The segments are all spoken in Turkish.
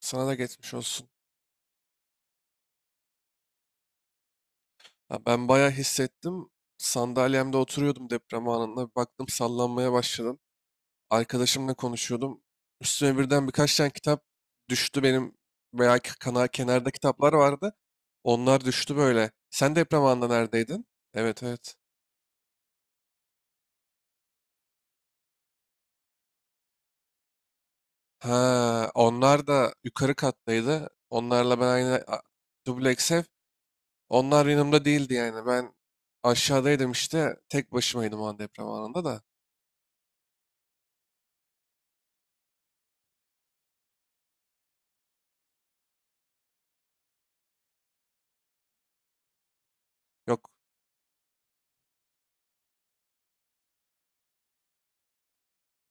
Sana da geçmiş olsun. Ya ben bayağı hissettim. Sandalyemde oturuyordum deprem anında. Bir baktım sallanmaya başladım. Arkadaşımla konuşuyordum. Üstüme birden birkaç tane kitap düştü benim. Veya kana kenarda kitaplar vardı. Onlar düştü böyle. Sen deprem anında neredeydin? Evet, evet. Ha, onlar da yukarı kattaydı. Onlarla ben aynı dubleks ev. Onlar yanımda değildi yani. Ben aşağıdaydım işte. Tek başımaydım o an deprem anında da. Yok,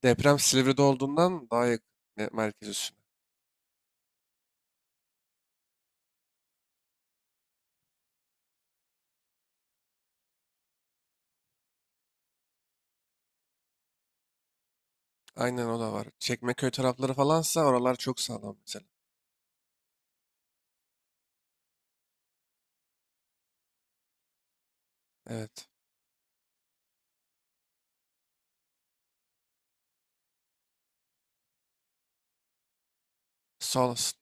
deprem Silivri'de olduğundan daha yakın merkez üstüne. Aynen o da var. Çekmeköy tarafları falansa oralar çok sağlam mesela. Evet. Sağ olasın.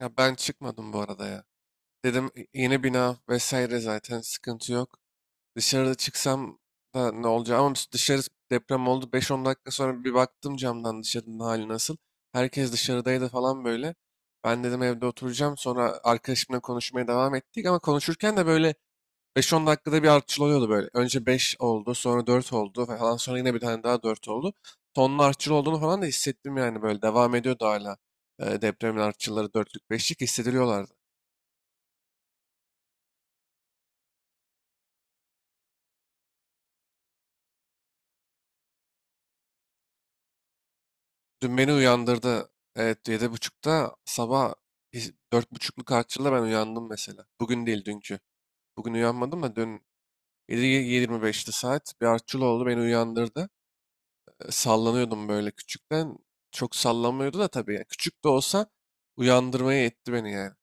Ya ben çıkmadım bu arada ya. Dedim Yeni bina vesaire zaten sıkıntı yok. Dışarıda çıksam da ne olacak ama biz dışarı deprem oldu. 5-10 dakika sonra bir baktım camdan dışarının hali nasıl. Herkes dışarıdaydı falan böyle. Ben dedim evde oturacağım. Sonra arkadaşımla konuşmaya devam ettik ama konuşurken de böyle beş 10 dakikada bir artçıl oluyordu böyle. Önce 5 oldu, sonra 4 oldu falan. Sonra yine bir tane daha 4 oldu. Tonun artçıl olduğunu falan da hissettim yani böyle. Devam ediyordu hala. Depremin artçılları 4'lük 5'lik hissediliyorlardı. Dün beni uyandırdı. Evet, 7.30'da sabah 4.30'luk artçılla ben uyandım mesela. Bugün değil dünkü. Bugün uyanmadım da dün 7.25'ti saat. Bir artçıl oldu beni uyandırdı. Sallanıyordum böyle küçükten. Çok sallanmıyordu da tabii. Yani. Küçük de olsa uyandırmaya etti beni yani.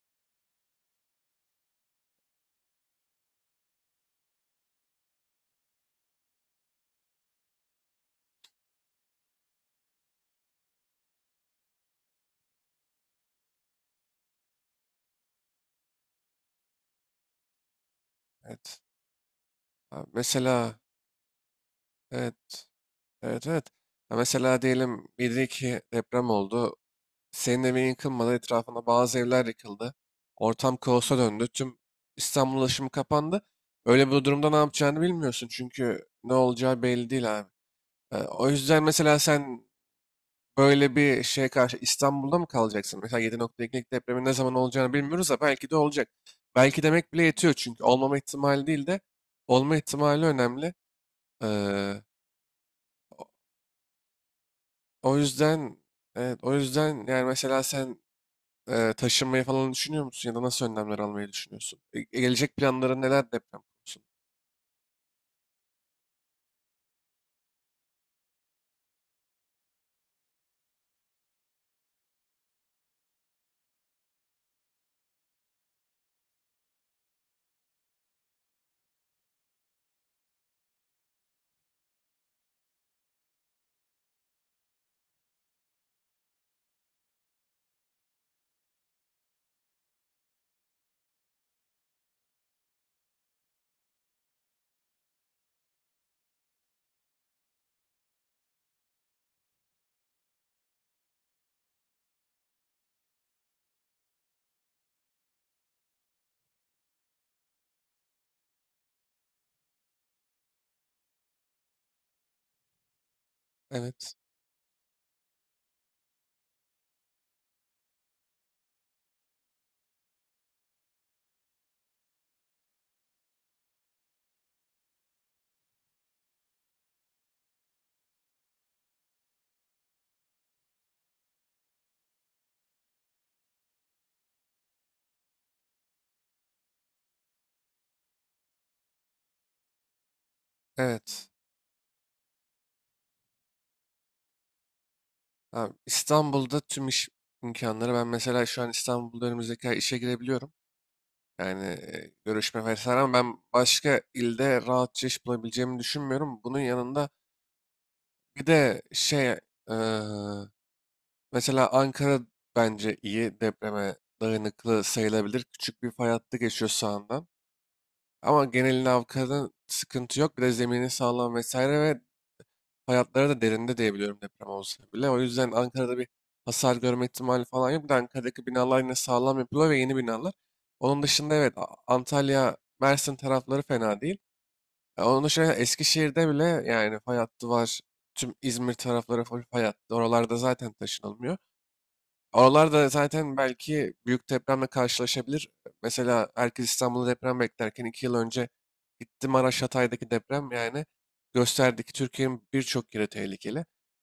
Evet. Abi mesela evet. Evet, evet. Ya mesela diyelim 7-2 deprem oldu. Senin evin yıkılmadı. Etrafında bazı evler yıkıldı. Ortam kaosa döndü. Tüm İstanbul ulaşımı kapandı. Öyle bir durumda ne yapacağını bilmiyorsun. Çünkü ne olacağı belli değil abi. O yüzden mesela sen böyle bir şeye karşı İstanbul'da mı kalacaksın? Mesela 7.2'lik depremin ne zaman olacağını bilmiyoruz da belki de olacak. Belki demek bile yetiyor çünkü olmama ihtimali değil de olma ihtimali önemli. Ee, O yüzden evet o yüzden yani mesela sen taşınmayı falan düşünüyor musun ya da nasıl önlemler almayı düşünüyorsun? Gelecek planların neler deprem konusunda? Evet. Evet. Abi, İstanbul'da tüm iş imkanları ben mesela şu an İstanbul'da önümüzdeki ay işe girebiliyorum. Yani görüşme vesaire ama ben başka ilde rahatça iş bulabileceğimi düşünmüyorum. Bunun yanında bir de şey e, mesela Ankara bence iyi depreme dayanıklı sayılabilir. Küçük bir fay hattı geçiyor sağından. Ama genelini avkadın sıkıntı yok. Bir de zemini sağlam vesaire ve hayatları da derinde diyebiliyorum deprem olsa bile. O yüzden Ankara'da bir hasar görme ihtimali falan yok. Bir de Ankara'daki binalar yine sağlam yapılıyor ve yeni binalar. Onun dışında evet, Antalya, Mersin tarafları fena değil. Onun dışında Eskişehir'de bile yani fay hattı var. Tüm İzmir tarafları full fay hattı. Oralarda zaten taşınılmıyor. Oralarda zaten belki büyük depremle karşılaşabilir. Mesela herkes İstanbul'da deprem beklerken 2 yıl önce gitti Maraş Hatay'daki deprem yani gösterdi ki Türkiye'nin birçok yeri tehlikeli.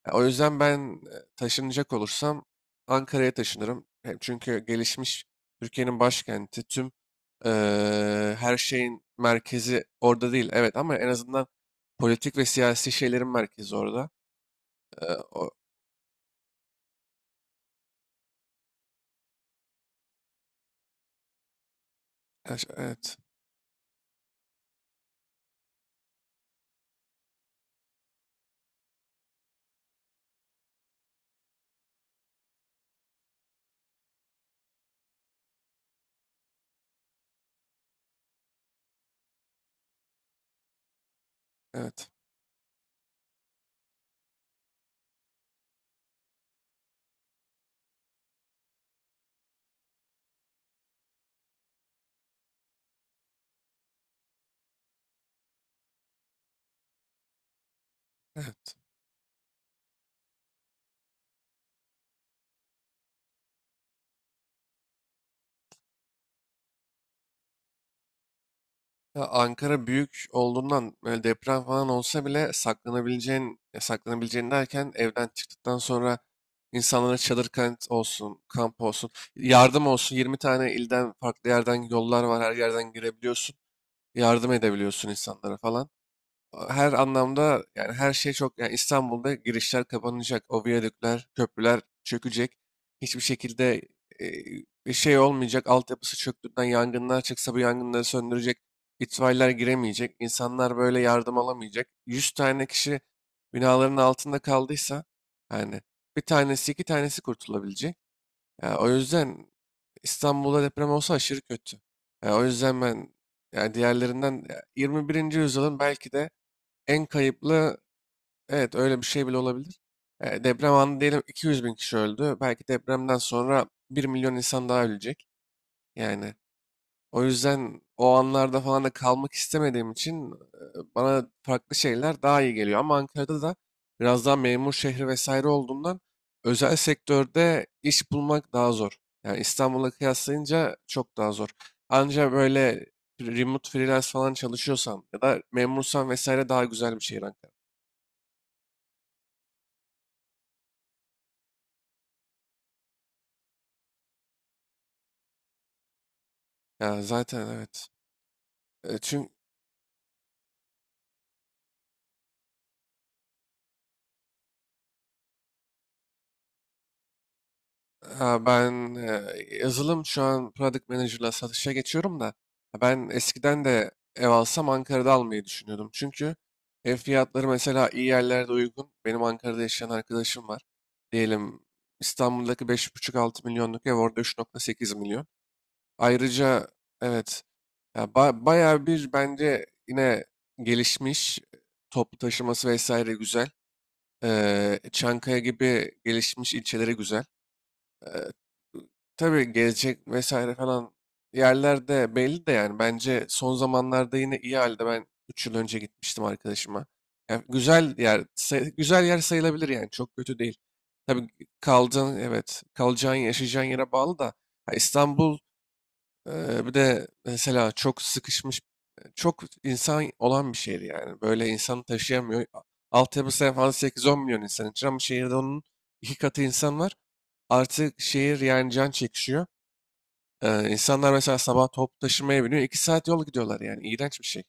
Ya, o yüzden ben taşınacak olursam Ankara'ya taşınırım. Hem çünkü gelişmiş Türkiye'nin başkenti tüm her şeyin merkezi orada değil. Evet ama en azından politik ve siyasi şeylerin merkezi orada. Eee, o, evet, evet, evet. Ya Ankara büyük olduğundan böyle deprem falan olsa bile saklanabileceğin, ya saklanabileceğin derken evden çıktıktan sonra insanlara çadır kent olsun, kamp olsun, yardım olsun. 20 tane ilden farklı yerden yollar var, her yerden girebiliyorsun. Yardım edebiliyorsun insanlara falan her anlamda yani her şey çok yani İstanbul'da girişler kapanacak, o viyadükler, köprüler çökecek. Hiçbir şekilde e, bir şey olmayacak. Altyapısı çöktüğünden yangınlar çıksa bu yangınları söndürecek. İtfaiyeler giremeyecek. İnsanlar böyle yardım alamayacak. 100 tane kişi binaların altında kaldıysa yani bir tanesi iki tanesi kurtulabilecek. Ya o yüzden İstanbul'da deprem olsa aşırı kötü. Ya o yüzden ben yani diğerlerinden ya 21. yüzyılın belki de en kayıplı evet öyle bir şey bile olabilir. Deprem anı diyelim 200 bin kişi öldü. Belki depremden sonra 1 milyon insan daha ölecek. Yani o yüzden o anlarda falan da kalmak istemediğim için bana farklı şeyler daha iyi geliyor. Ama Ankara'da da biraz daha memur şehri vesaire olduğundan özel sektörde iş bulmak daha zor. Yani İstanbul'a kıyaslayınca çok daha zor. Anca böyle remote freelance falan çalışıyorsan ya da memursan vesaire daha güzel bir şehir Ankara. Ya zaten evet. Çünkü ben yazılım şu an Product Manager'la satışa geçiyorum da ha, ben eskiden de ev alsam Ankara'da almayı düşünüyordum. Çünkü ev fiyatları mesela iyi yerlerde uygun. Benim Ankara'da yaşayan arkadaşım var. Diyelim İstanbul'daki beş buçuk altı milyonluk ev orada 3,8 milyon. Ayrıca evet, ya bayağı bir bence yine gelişmiş toplu taşıması vesaire güzel. Çankaya gibi gelişmiş ilçeleri güzel. Eee, tabii gezecek vesaire falan yerlerde belli de yani bence son zamanlarda yine iyi halde ben 3 yıl önce gitmiştim arkadaşıma. Yani güzel yer sayılabilir yani çok kötü değil. Tabii evet, kalacağın yaşayacağın yere bağlı da ha, İstanbul. Bir de mesela çok sıkışmış, çok insan olan bir şehir yani. Böyle insan taşıyamıyor. Altyapısı falan 8-10 milyon insan için ama şehirde onun iki katı insan var. Artık şehir yani can çekişiyor. İnsanlar mesela sabah toplu taşımaya biniyor. 2 saat yol gidiyorlar yani. İğrenç bir şey.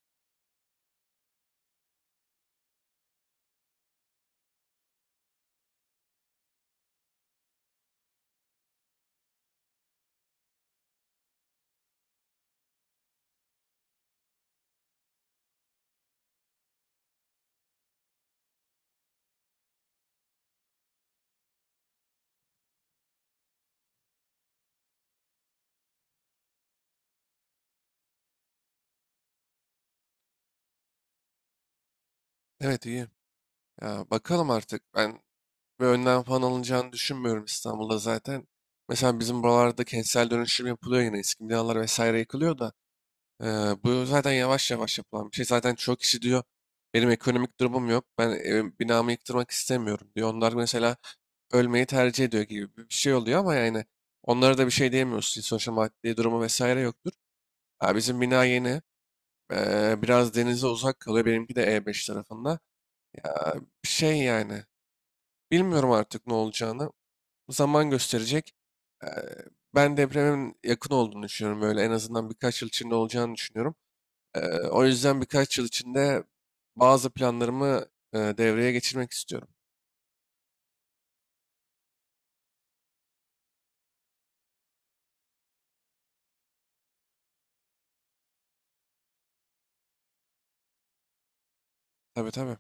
Evet, iyi. Ya, bakalım artık. Ben bir önlem falan alınacağını düşünmüyorum İstanbul'da zaten. Mesela bizim buralarda kentsel dönüşüm yapılıyor yine. Eski binalar vesaire yıkılıyor da. Ee, Bu zaten yavaş yavaş yapılan bir şey. Zaten çok kişi diyor benim ekonomik durumum yok. Ben evim, binamı yıktırmak istemiyorum diyor. Onlar mesela ölmeyi tercih ediyor gibi bir şey oluyor ama yani onlara da bir şey diyemiyorsun. Sonuçta maddi durumu vesaire yoktur. Ha, bizim bina yeni. Biraz denize uzak kalıyor. Benimki de E5 tarafında. Ha, bir şey yani. Bilmiyorum artık ne olacağını. Zaman gösterecek. Ee, Ben depremin yakın olduğunu düşünüyorum. Böyle en azından birkaç yıl içinde olacağını düşünüyorum. O yüzden birkaç yıl içinde bazı planlarımı devreye geçirmek istiyorum. Tabii tabii.